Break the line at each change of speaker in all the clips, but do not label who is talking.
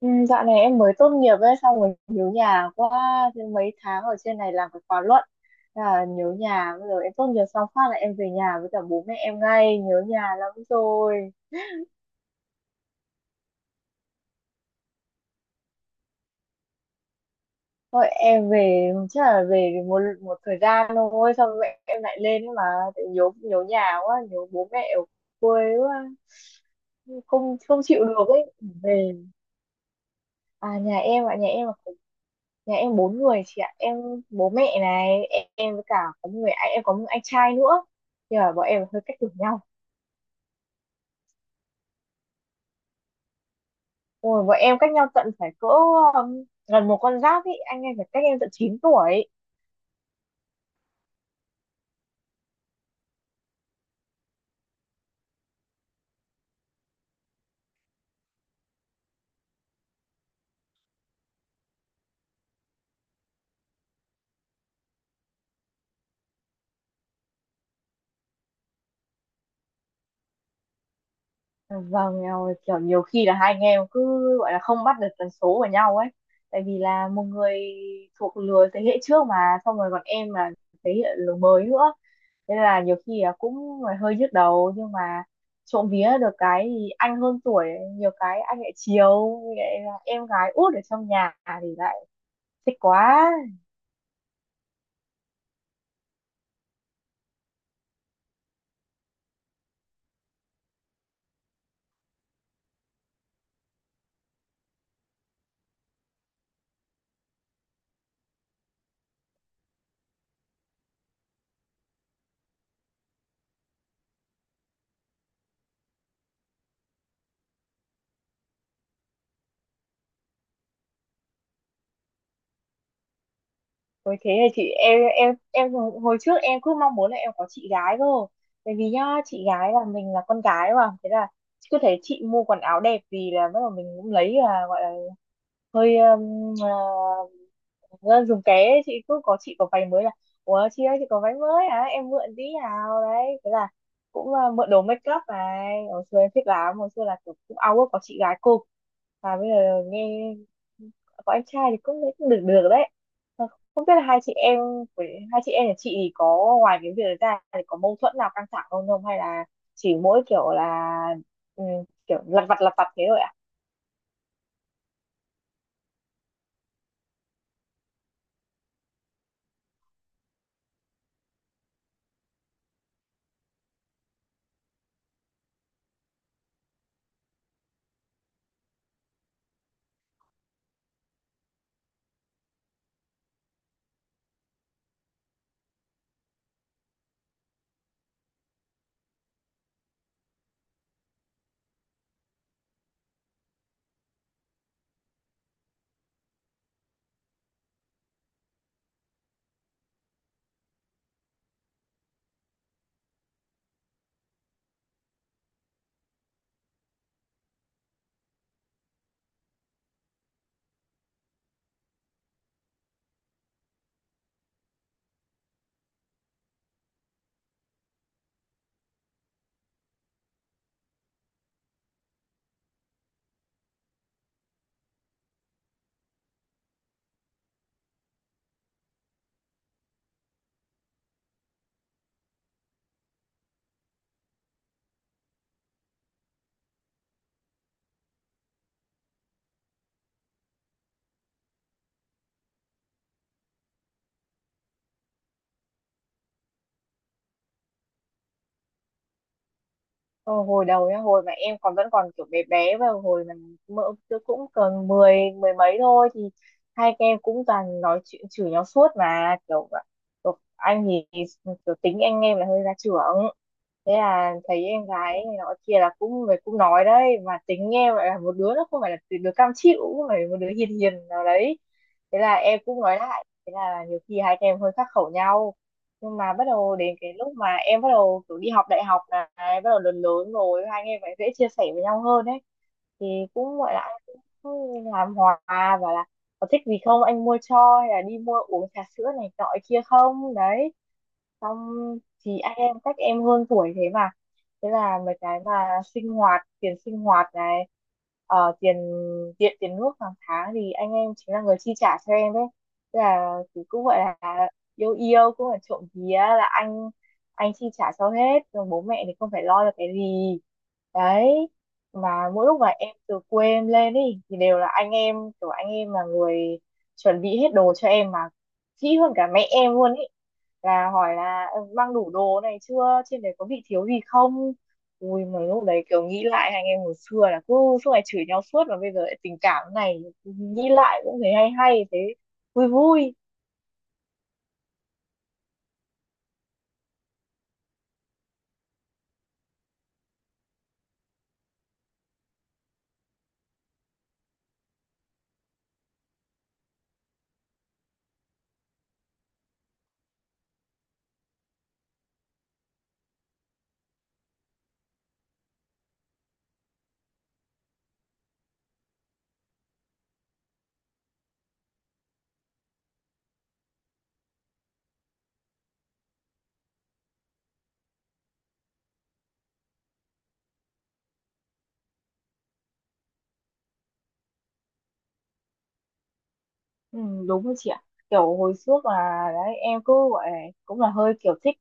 Ừ, dạo này em mới tốt nghiệp ấy, xong rồi nhớ nhà quá, thế mấy tháng ở trên này làm cái khóa luận. Thế là nhớ nhà, bây giờ em tốt nghiệp xong phát là em về nhà với cả bố mẹ em ngay, nhớ nhà lắm rồi. Thôi em về chắc là về một một thời gian thôi xong mẹ em lại lên ấy mà. Tại nhớ nhớ nhà quá, nhớ bố mẹ ở quê quá, không không chịu được ấy. Về, à nhà em ạ, nhà em là nhà em bốn người chị ạ. Em bố mẹ này em với cả có một người anh, em có một anh trai nữa, nhưng mà bọn em hơi cách tuổi nhau. Ôi, bọn em cách nhau tận phải cỡ gần một con giáp ý, anh em phải cách em tận 9 tuổi. Vâng, kiểu nhiều khi là hai anh em cứ gọi là không bắt được tần số của nhau ấy. Tại vì là một người thuộc lứa thế hệ trước mà, xong rồi còn em là thế hệ lứa mới nữa. Thế là nhiều khi là cũng là hơi nhức đầu, nhưng mà trộm vía được cái thì anh hơn tuổi, nhiều cái anh lại chiều, lại là em gái út ở trong nhà thì lại thích quá. Ôi thế thì chị em, em hồi hồi trước em cứ mong muốn là em có chị gái cơ, tại vì nhá chị gái là mình là con gái mà, thế là cứ thấy chị mua quần áo đẹp, vì là bắt đầu mình cũng lấy là gọi là hơi à, dùng ké ấy. Chị cứ có, chị có váy mới là ủa chị ơi chị có váy mới à, em mượn tí nào đấy, thế là cũng à, mượn đồ make up này, hồi xưa em thích lắm, hồi xưa là kiểu cũng ao ước có chị gái cô. Và bây giờ nghe có anh trai thì cũng thấy cũng được được đấy. Không biết là hai chị em với hai chị em nhà chị thì có, ngoài cái việc đấy ra thì có mâu thuẫn nào căng thẳng không, không hay là chỉ mỗi kiểu là ừ, kiểu lặt vặt thế thôi ạ? Ờ, hồi đầu nhá, hồi mà em còn vẫn còn kiểu bé bé và hồi mà mỡ cũng còn mười mười mấy thôi thì hai các em cũng toàn nói chuyện chửi nhau suốt mà kiểu, kiểu anh thì kiểu tính anh em là hơi ra trưởng, thế là thấy em gái này nọ kia là cũng người cũng nói đấy, mà tính em lại là một đứa nó không phải là đứa cam chịu, cũng phải một đứa hiền hiền nào đấy, thế là em cũng nói lại, thế là nhiều khi hai các em hơi khắc khẩu nhau. Nhưng mà bắt đầu đến cái lúc mà em bắt đầu kiểu đi học đại học này, bắt đầu lớn lớn rồi hai anh em phải dễ chia sẻ với nhau hơn đấy, thì cũng gọi là anh cũng làm hòa, và là có thích gì không anh mua cho, hay là đi mua uống trà sữa này nọ kia không đấy. Xong thì anh em cách em hơn tuổi thế mà, thế là mấy cái mà sinh hoạt, tiền sinh hoạt này ờ, tiền điện tiền nước hàng tháng thì anh em chính là người chi trả cho em đấy. Thế là thì cũng gọi là yêu yêu cũng là trộm vía là anh chi trả cho hết rồi bố mẹ thì không phải lo được cái gì. Đấy mà mỗi lúc mà em từ quê em lên ấy thì đều là anh em, kiểu anh em là người chuẩn bị hết đồ cho em mà kỹ hơn cả mẹ em luôn ý, là hỏi là "Ừ, mang đủ đồ này chưa, trên đấy có bị thiếu gì không?" Ui mà lúc đấy kiểu nghĩ lại anh em hồi xưa là cứ suốt ngày chửi nhau suốt mà bây giờ lại tình cảm này, nghĩ lại cũng thấy hay hay, thế vui vui. Ừ, đúng rồi chị ạ, kiểu hồi trước là đấy em cứ gọi là cũng là hơi kiểu thích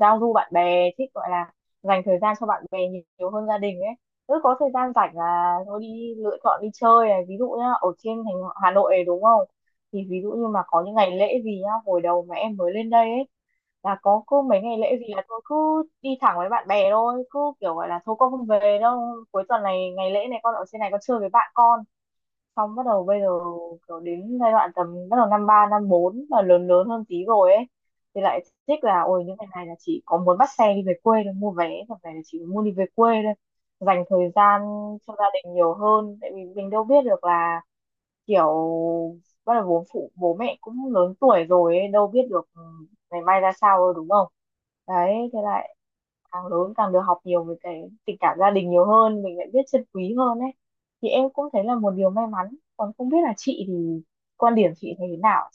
giao du bạn bè, thích gọi là dành thời gian cho bạn bè nhiều, nhiều hơn gia đình ấy. Cứ có thời gian rảnh là thôi đi lựa chọn đi chơi này, ví dụ nhá ở trên thành Hà Nội này đúng không, thì ví dụ như mà có những ngày lễ gì nhá, hồi đầu mà em mới lên đây ấy, là có cứ mấy ngày lễ gì là tôi cứ đi thẳng với bạn bè thôi, cứ kiểu gọi là thôi con không về đâu, cuối tuần này ngày lễ này con ở trên này con chơi với bạn con. Xong bắt đầu bây giờ kiểu đến giai đoạn tầm bắt đầu năm ba năm bốn mà lớn lớn hơn tí rồi ấy, thì lại thích là ôi những ngày này là chỉ có muốn bắt xe đi về quê thôi, mua vé và về là chỉ muốn đi về quê thôi, dành thời gian cho gia đình nhiều hơn. Tại vì mình đâu biết được là kiểu bắt đầu bố phụ bố mẹ cũng lớn tuổi rồi ấy, đâu biết được ừ, ngày mai ra sao đâu đúng không. Đấy thế là càng lớn càng được học nhiều về cái tình cảm gia đình nhiều hơn, mình lại biết trân quý hơn ấy, thì em cũng thấy là một điều may mắn. Còn không biết là chị thì quan điểm chị thấy thế nào.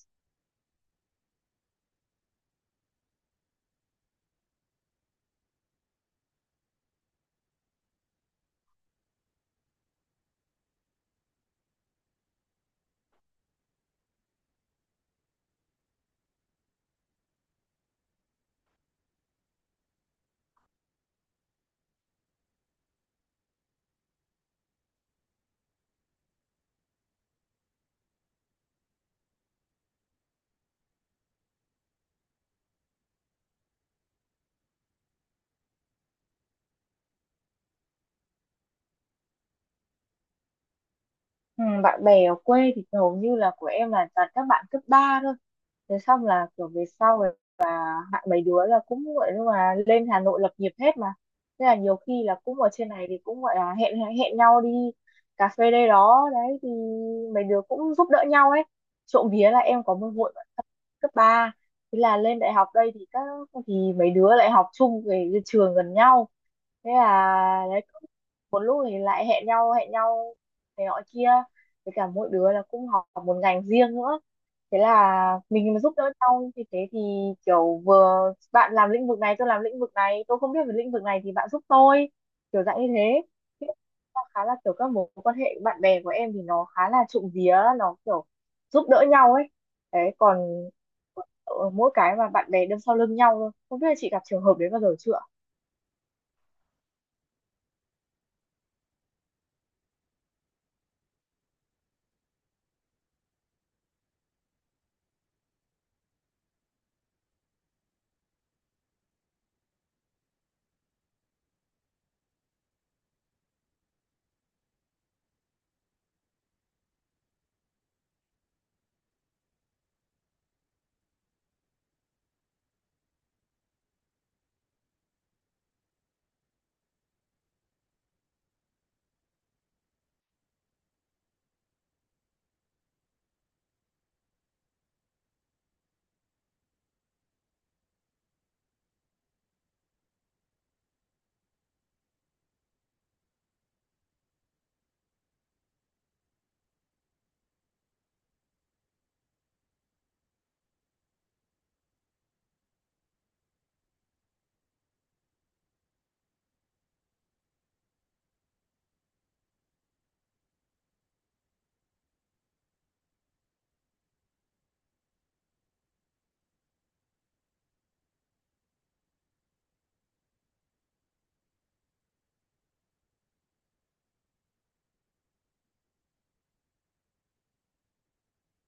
Ừ, bạn bè ở quê thì hầu như là của em là toàn các bạn cấp 3 thôi, thế xong là kiểu về sau hạ mấy đứa là cũng gọi là lên Hà Nội lập nghiệp hết mà, thế là nhiều khi là cũng ở trên này thì cũng gọi là hẹn hẹn nhau đi cà phê đây đó đấy, thì mấy đứa cũng giúp đỡ nhau ấy. Trộm vía là em có một hội bạn thân cấp ba, thế là lên đại học đây thì thì mấy đứa lại học chung về trường gần nhau, thế là đấy cũng, một lúc thì lại hẹn nhau này nọ kia, với cả mỗi đứa là cũng học một ngành riêng nữa, thế là mình mà giúp đỡ nhau như thế thì kiểu vừa bạn làm lĩnh vực này tôi làm lĩnh vực này, tôi không biết về lĩnh vực này thì bạn giúp tôi, kiểu dạng như thế. Thế là khá là kiểu các mối quan hệ bạn bè của em thì nó khá là, trộm vía nó kiểu giúp đỡ nhau ấy. Đấy còn ở mỗi cái mà bạn bè đâm sau lưng nhau thôi, không biết là chị gặp trường hợp đấy bao giờ chưa.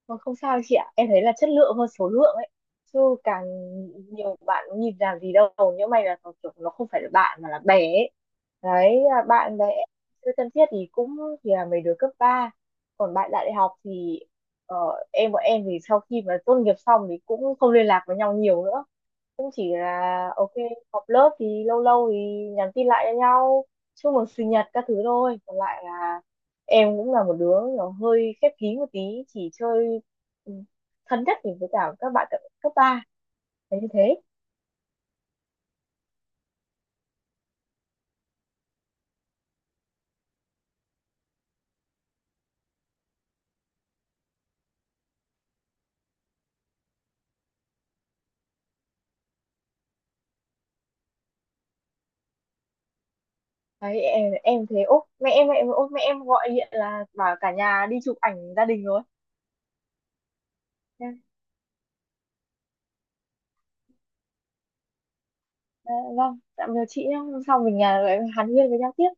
Vâng, không sao chị ạ, em thấy là chất lượng hơn số lượng ấy, chứ càng nhiều bạn nhìn làm gì đâu, nhưng may là nó kiểu nó không phải là bạn mà là bè ấy. Đấy là bạn bè chưa thân thiết thì cũng, thì là mấy đứa cấp ba. Còn bạn đại học thì ờ, bọn em thì sau khi mà tốt nghiệp xong thì cũng không liên lạc với nhau nhiều nữa, cũng chỉ là ok, họp lớp thì lâu lâu thì nhắn tin lại cho nhau, chúc mừng sinh nhật các thứ thôi. Còn lại là em cũng là một đứa nó hơi khép kín một tí, chỉ chơi ừ, thân nhất thì với cả các bạn cấp cấp ba, là như thế. Đấy em, thế ốp mẹ em, ốp mẹ em gọi điện là bảo cả nhà đi chụp ảnh gia đình rồi. Em, "Ờ, vâng tạm biệt chị nhé, hôm sau mình à, lại hàn huyên với nhau tiếp."